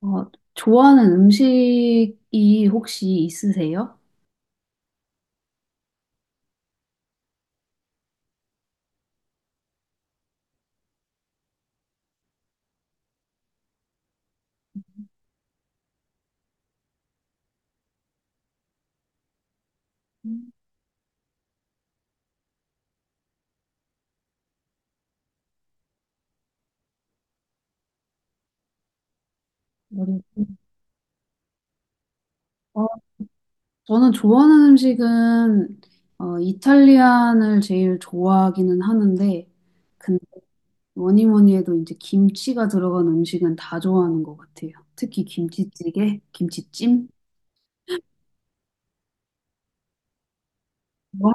어, 좋아하는 음식이 혹시 있으세요? 음, 어려워. 어, 저는 좋아하는 음식은 이탈리안을 제일 좋아하기는 하는데, 근데 뭐니 뭐니 해도 이제 김치가 들어간 음식은 다 좋아하는 것 같아요. 특히 김치찌개, 김치찜. 너무,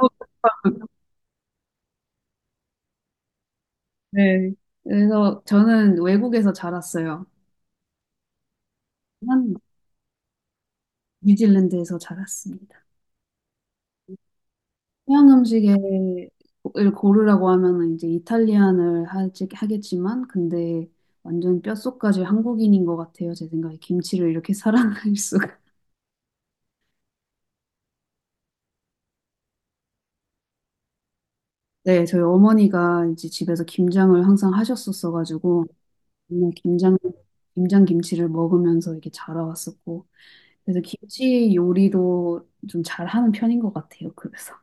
네. 그래서 저는 외국에서 자랐어요. 한 뉴질랜드에서 자랐습니다. 서양 음식을 고르라고 하면은 이제 이탈리안을 하지, 하겠지만, 근데 완전 뼛속까지 한국인인 것 같아요. 제 생각에 김치를 이렇게 사랑할 수가. 네, 저희 어머니가 이제 집에서 김장을 항상 하셨었어가지고, 맨날 김장, 김장 김치를 먹으면서 이렇게 자라왔었고, 그래서 김치 요리도 좀 잘하는 편인 것 같아요. 그래서.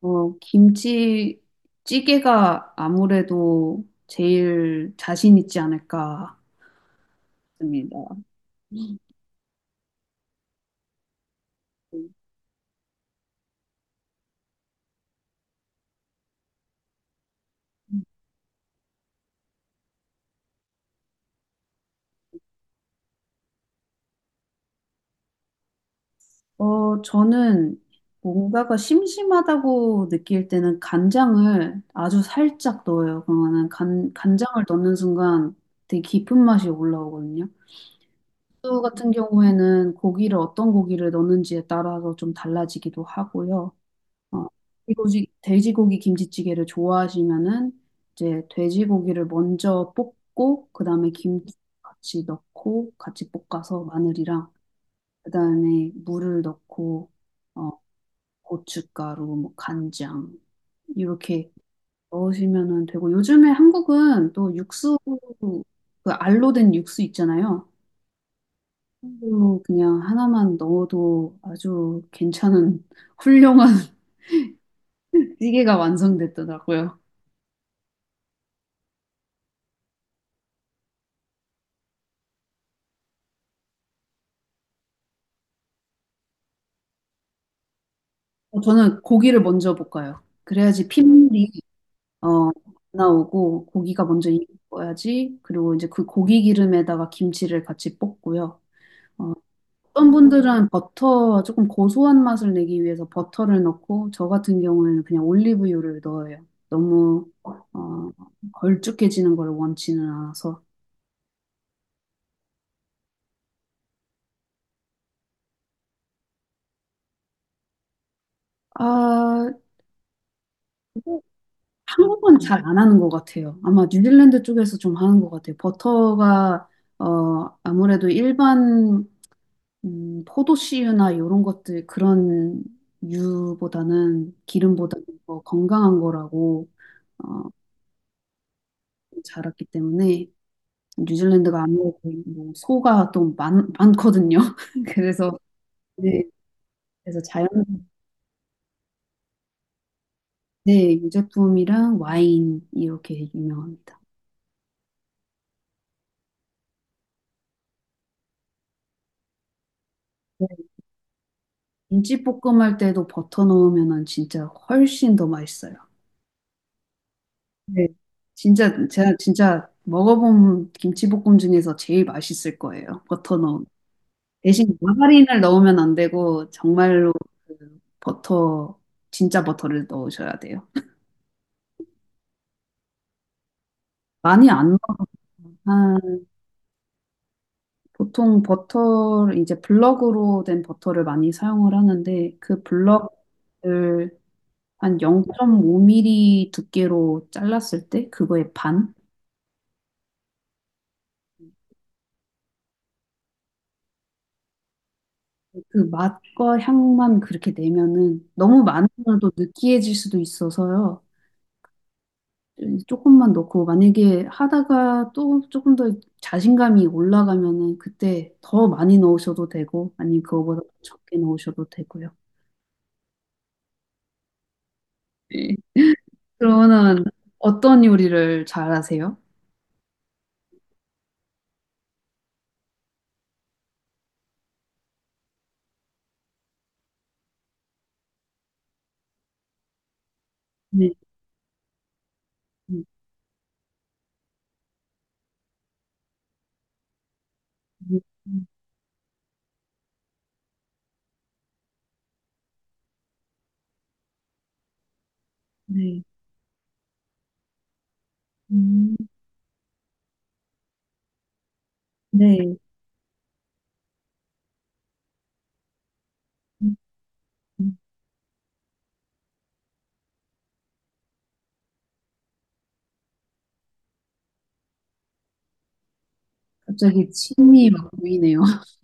어, 김치찌개가 아무래도 제일 자신 있지 않을까. 맞습니다. 저는 뭔가가 심심하다고 느낄 때는 간장을 아주 살짝 넣어요. 그러면은 간장을 넣는 순간 되게 깊은 맛이 올라오거든요. 또 같은 경우에는 고기를 어떤 고기를 넣는지에 따라서 좀 달라지기도 하고요. 어, 돼지고기 김치찌개를 좋아하시면은 이제 돼지고기를 먼저 볶고 그다음에 김치 같이 넣고 같이 볶아서 마늘이랑 그다음에 물을 넣고 어, 고춧가루, 뭐 간장 이렇게 넣으시면은 되고 요즘에 한국은 또 육수 그 알로 된 육수 있잖아요. 그걸로 그냥 하나만 넣어도 아주 괜찮은 훌륭한 찌개가 완성됐더라고요. 저는 고기를 먼저 볶아요. 그래야지 핏물이 어, 나오고 고기가 먼저 익어야지. 그리고 이제 그 고기 기름에다가 김치를 같이 볶고요. 어, 어떤 분들은 버터, 조금 고소한 맛을 내기 위해서 버터를 넣고, 저 같은 경우에는 그냥 올리브유를 넣어요. 너무, 걸쭉해지는 걸 원치는 않아서. 아, 한국은 잘 안 하는 것 같아요. 아마 뉴질랜드 쪽에서 좀 하는 것 같아요. 버터가, 아무래도 일반, 포도씨유나 이런 것들, 그런 유보다는, 기름보다는 더 건강한 거라고, 어, 자랐기 때문에. 뉴질랜드가 아무래도 뭐 소가 또 많거든요. 그래서 네, 그래서 자연 네, 유제품이랑 와인 이렇게 유명합니다. 네, 김치볶음 할 때도 버터 넣으면은 진짜 훨씬 더 맛있어요. 네. 진짜 제가 진짜 먹어본 김치볶음 중에서 제일 맛있을 거예요. 버터 넣은. 대신 마가린을 넣으면 안 되고 정말로 그 버터 진짜 버터를 넣으셔야 돼요. 많이 안 넣어. 보통 버터를 이제 블럭으로 된 버터를 많이 사용을 하는데 그 블럭을 한 0.5mm 두께로 잘랐을 때 그거의 반? 그 맛과 향만 그렇게 내면은 너무 많으면 또 느끼해질 수도 있어서요. 조금만 넣고 만약에 하다가 또 조금 더 자신감이 올라가면은 그때 더 많이 넣으셔도 되고 아니면 그거보다 적게 넣으셔도 되고요. 네. 그러면은 어떤 요리를 잘하세요? 네. 음, 음, 음, 네. 음, 네. 음, 음. 갑자기 침이 막 보이네요.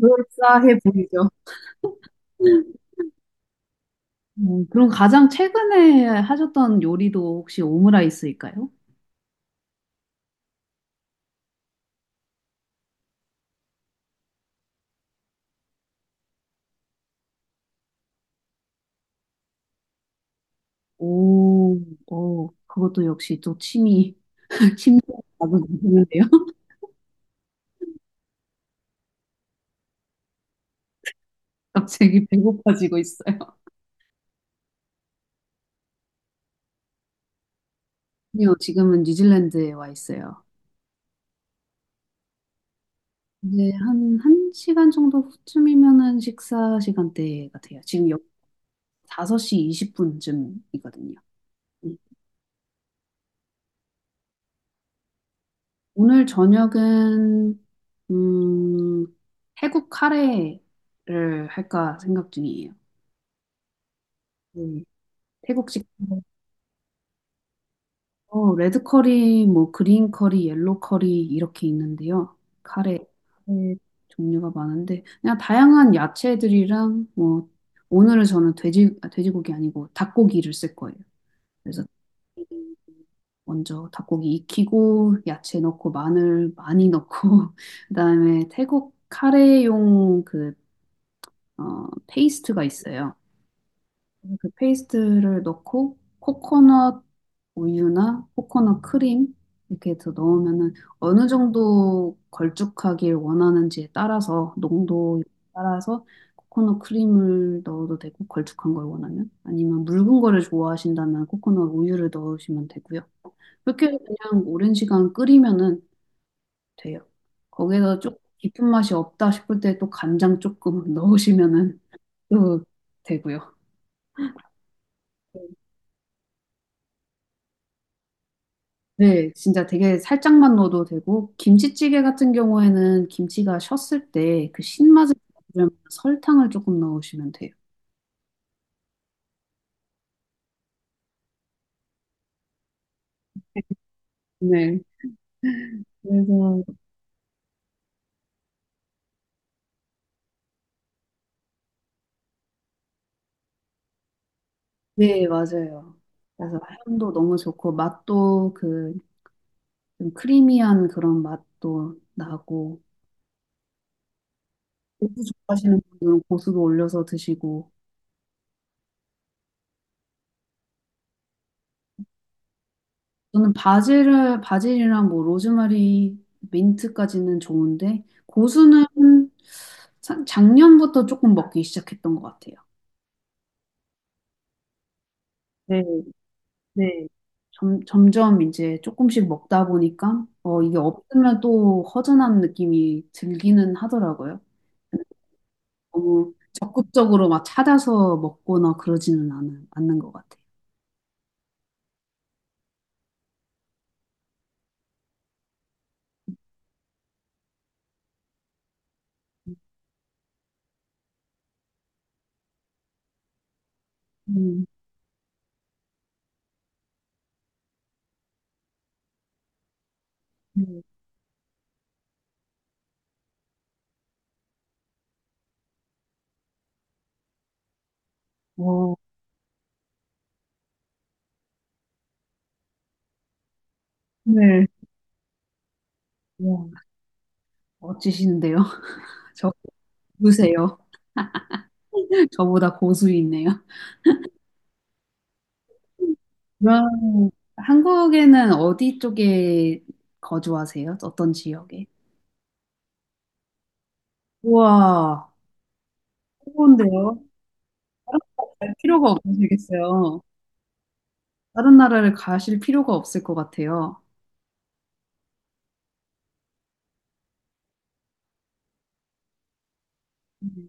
그럴싸해 보이죠. 그럼 가장 최근에 하셨던 요리도 혹시 오므라이스일까요? 오, 오, 그것도 역시 또 침이, 침도 나도 드는데요. 갑자기 배고파지고 있어요. 아니요, 지금은 뉴질랜드에 와 있어요. 이제 한, 한 시간 정도 후쯤이면은 식사 시간대 같아요. 지금 여 5시 20분쯤이거든요. 오늘 저녁은 음, 태국 카레를 할까 생각 중이에요. 네. 태국식 레드 커리, 뭐 그린 커리, 옐로 커리 이렇게 있는데요. 카레, 카레 종류가 많은데 그냥 다양한 야채들이랑 뭐 오늘은 저는 돼지 아, 돼지고기 아니고 닭고기를 쓸 거예요. 그래서 먼저 닭고기 익히고 야채 넣고 마늘 많이 넣고 그다음에 태국 카레용 그 페이스트가 있어요. 그 페이스트를 넣고 코코넛 우유나 코코넛 크림 이렇게 해서 넣으면은 어느 정도 걸쭉하길 원하는지에 따라서 농도에 따라서 코코넛 크림을 넣어도 되고 걸쭉한 걸 원하면 아니면 묽은 거를 좋아하신다면 코코넛 우유를 넣으시면 되고요. 그렇게 해서 그냥 오랜 시간 끓이면은 돼요. 거기에서 조금 깊은 맛이 없다 싶을 때 또 간장 조금 넣으시면은 넣어도 되고요. 네, 진짜 되게 살짝만 넣어도 되고, 김치찌개 같은 경우에는 김치가 셨을 때 그 신맛을 주려면 설탕을 조금 넣으시면 돼요. 네. 그래서 네, 맞아요. 그래서 향도 너무 좋고, 맛도 그, 좀 크리미한 그런 맛도 나고, 고수 좋아하시는 분들은 고수도 올려서 드시고, 저는 바질을, 바질이랑 뭐 로즈마리, 민트까지는 좋은데, 고수는 사- 작년부터 조금 먹기 시작했던 것 같아요. 네, 네. 점점 이제 조금씩 먹다 보니까, 어, 이게 없으면 또 허전한 느낌이 들기는 하더라고요. 너무 적극적으로 막 찾아서 먹거나 그러지는 않는 것 같아요. 음, 음. 어, 오늘, 와, 멋지시는데요? 저 고수세요. 저보다 고수이네요. 그럼 한국에는 어디 쪽에 거주하세요? 어떤 지역에? 우와, 좋은데요? 다른 나라 갈 필요가 없으시겠어요? 다른 나라를 가실 필요가 없을 것 같아요. 음.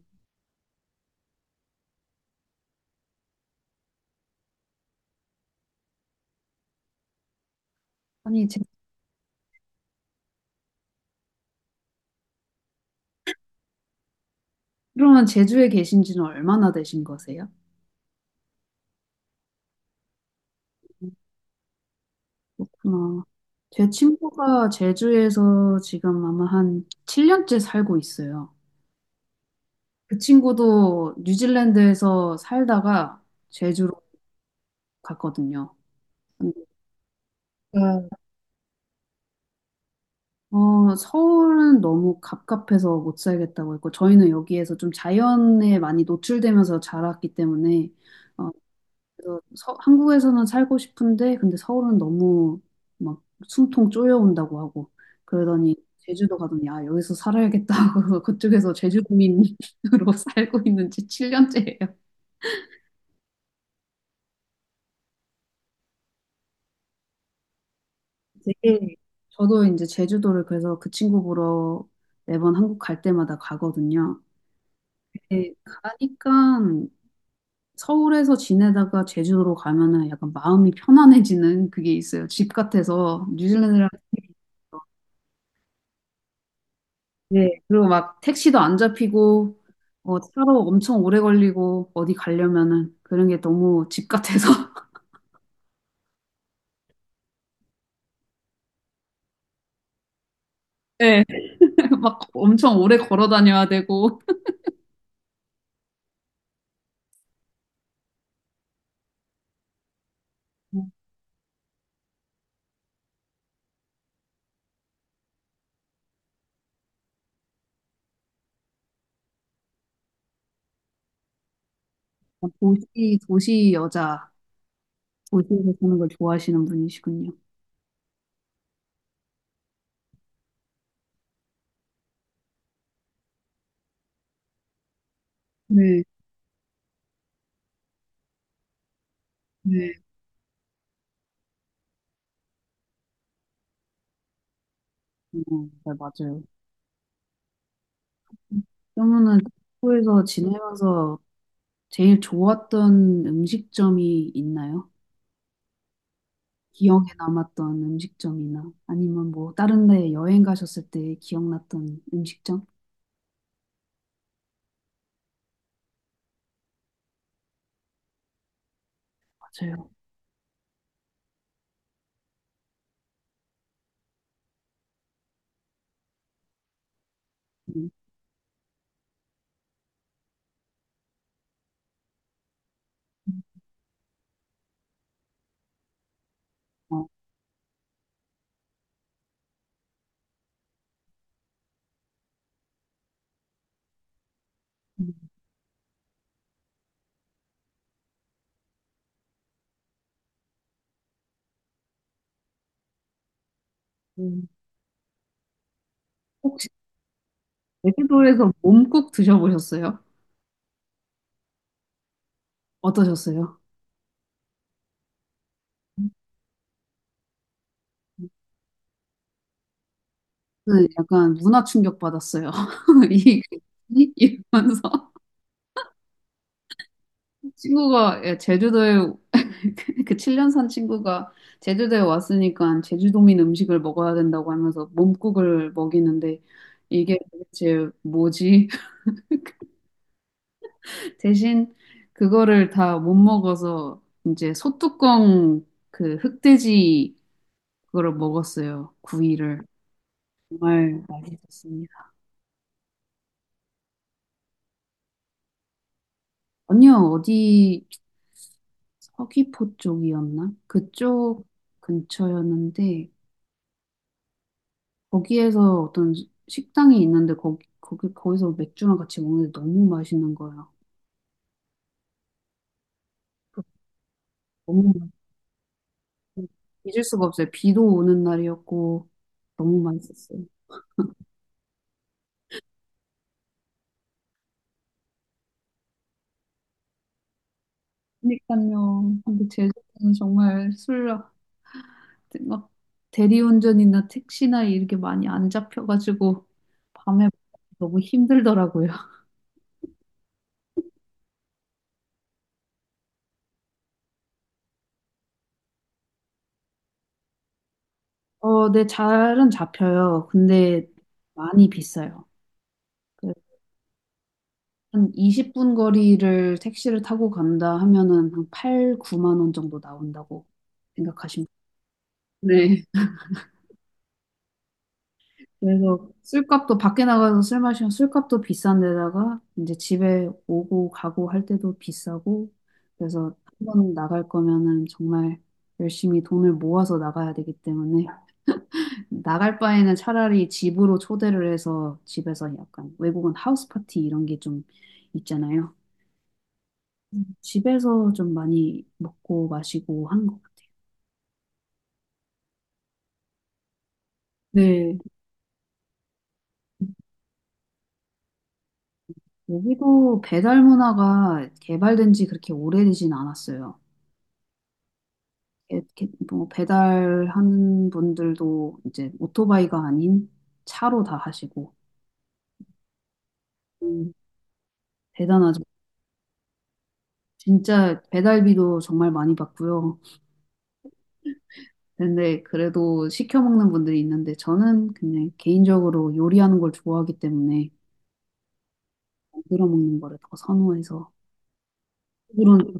아니, 제, 그러면 제주에 계신 지는 얼마나 되신 거세요? 어, 제 친구가 제주에서 지금 아마 한 7년째 살고 있어요. 그 친구도 뉴질랜드에서 살다가 제주로 갔거든요. 어, 서울은 너무 갑갑해서 못 살겠다고 했고, 저희는 여기에서 좀 자연에 많이 노출되면서 자랐기 때문에, 어, 그래서 서- 한국에서는 살고 싶은데, 근데 서울은 너무 막 숨통 쪼여온다고 하고, 그러더니 제주도 가더니, 아, 여기서 살아야겠다 하고, 그쪽에서 제주도민으로 살고 있는 지 7년째예요. 되게 저도 이제 제주도를 그래서 그 친구 보러 매번 한국 갈 때마다 가거든요. 네, 가니까 서울에서 지내다가 제주도로 가면은 약간 마음이 편안해지는 그게 있어요. 집 같아서 뉴질랜드랑 네. 그리고 막 택시도 안 잡히고 차로 엄청 오래 걸리고 어디 가려면은 그런 게 너무 집 같아서 네. 막 엄청 오래 걸어 다녀야 되고 음, 도시 도시 여자 도시에서 사는 걸 좋아하시는 분이시군요. 네, 네. 네, 맞아요. 그러면은 도쿄에서 지내면서 제일 좋았던 음식점이 있나요? 기억에 남았던 음식점이나 아니면 뭐 다른 데 여행 가셨을 때 기억났던 음식점? 맞아요. 음, 어, 음, 음. 혹시 제주도에서 몸국 드셔보셨어요? 어떠셨어요? 저는 약간 문화 충격 받았어요. 이, 이- 이러면서. 친구가 예, 제주도에 그 7년 산 친구가 제주도에 왔으니까 제주도민 음식을 먹어야 된다고 하면서 몸국을 먹이는데 이게 도대체 뭐지? 대신 그거를 다 못 먹어서 이제 소뚜껑 그 흑돼지 그거를 먹었어요. 구이를. 정말 맛있었습니다. 아니요, 어디 서귀포 쪽이었나? 그쪽 근처였는데 거기에서 어떤 식당이 있는데 거기서 맥주랑 같이 먹는데 너무 맛있는 거예요. 너무 맛있- 잊을 수가 없어요. 비도 오는 날이었고 너무 맛있었어요. 그러니까요. 근데 제주도는 정말 술 막 대리운전이나 택시나 이렇게 많이 안 잡혀가지고 밤에 너무 힘들더라고요. 네, 잘은 잡혀요. 근데 많이 비싸요. 한 20분 거리를 택시를 타고 간다 하면은 한 8, 9만 원 정도 나온다고 생각하시면 돼요. 네. 그래서 술값도 밖에 나가서 술 마시면 술값도 비싼 데다가 이제 집에 오고 가고 할 때도 비싸고 그래서 한 번 나갈 거면은 정말 열심히 돈을 모아서 나가야 되기 때문에 나갈 바에는 차라리 집으로 초대를 해서 집에서 약간 외국은 하우스 파티 이런 게 좀 있잖아요. 집에서 좀 많이 먹고 마시고 하는 것 같아요. 네. 여기도 배달 문화가 개발된 지 그렇게 오래되진 않았어요. 렇 게- 뭐 배달하는 분들도 이제 오토바이가 아닌 차로 다 하시고 음, 대단하죠. 진짜 배달비도 정말 많이 받고요. 근데 그래도 시켜 먹는 분들이 있는데 저는 그냥 개인적으로 요리하는 걸 좋아하기 때문에 만들어 먹는 거를 더 선호해서 물론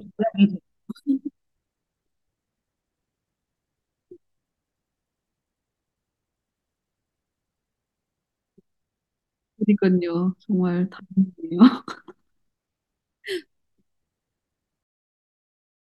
그러니까요. 정말 다행이에요.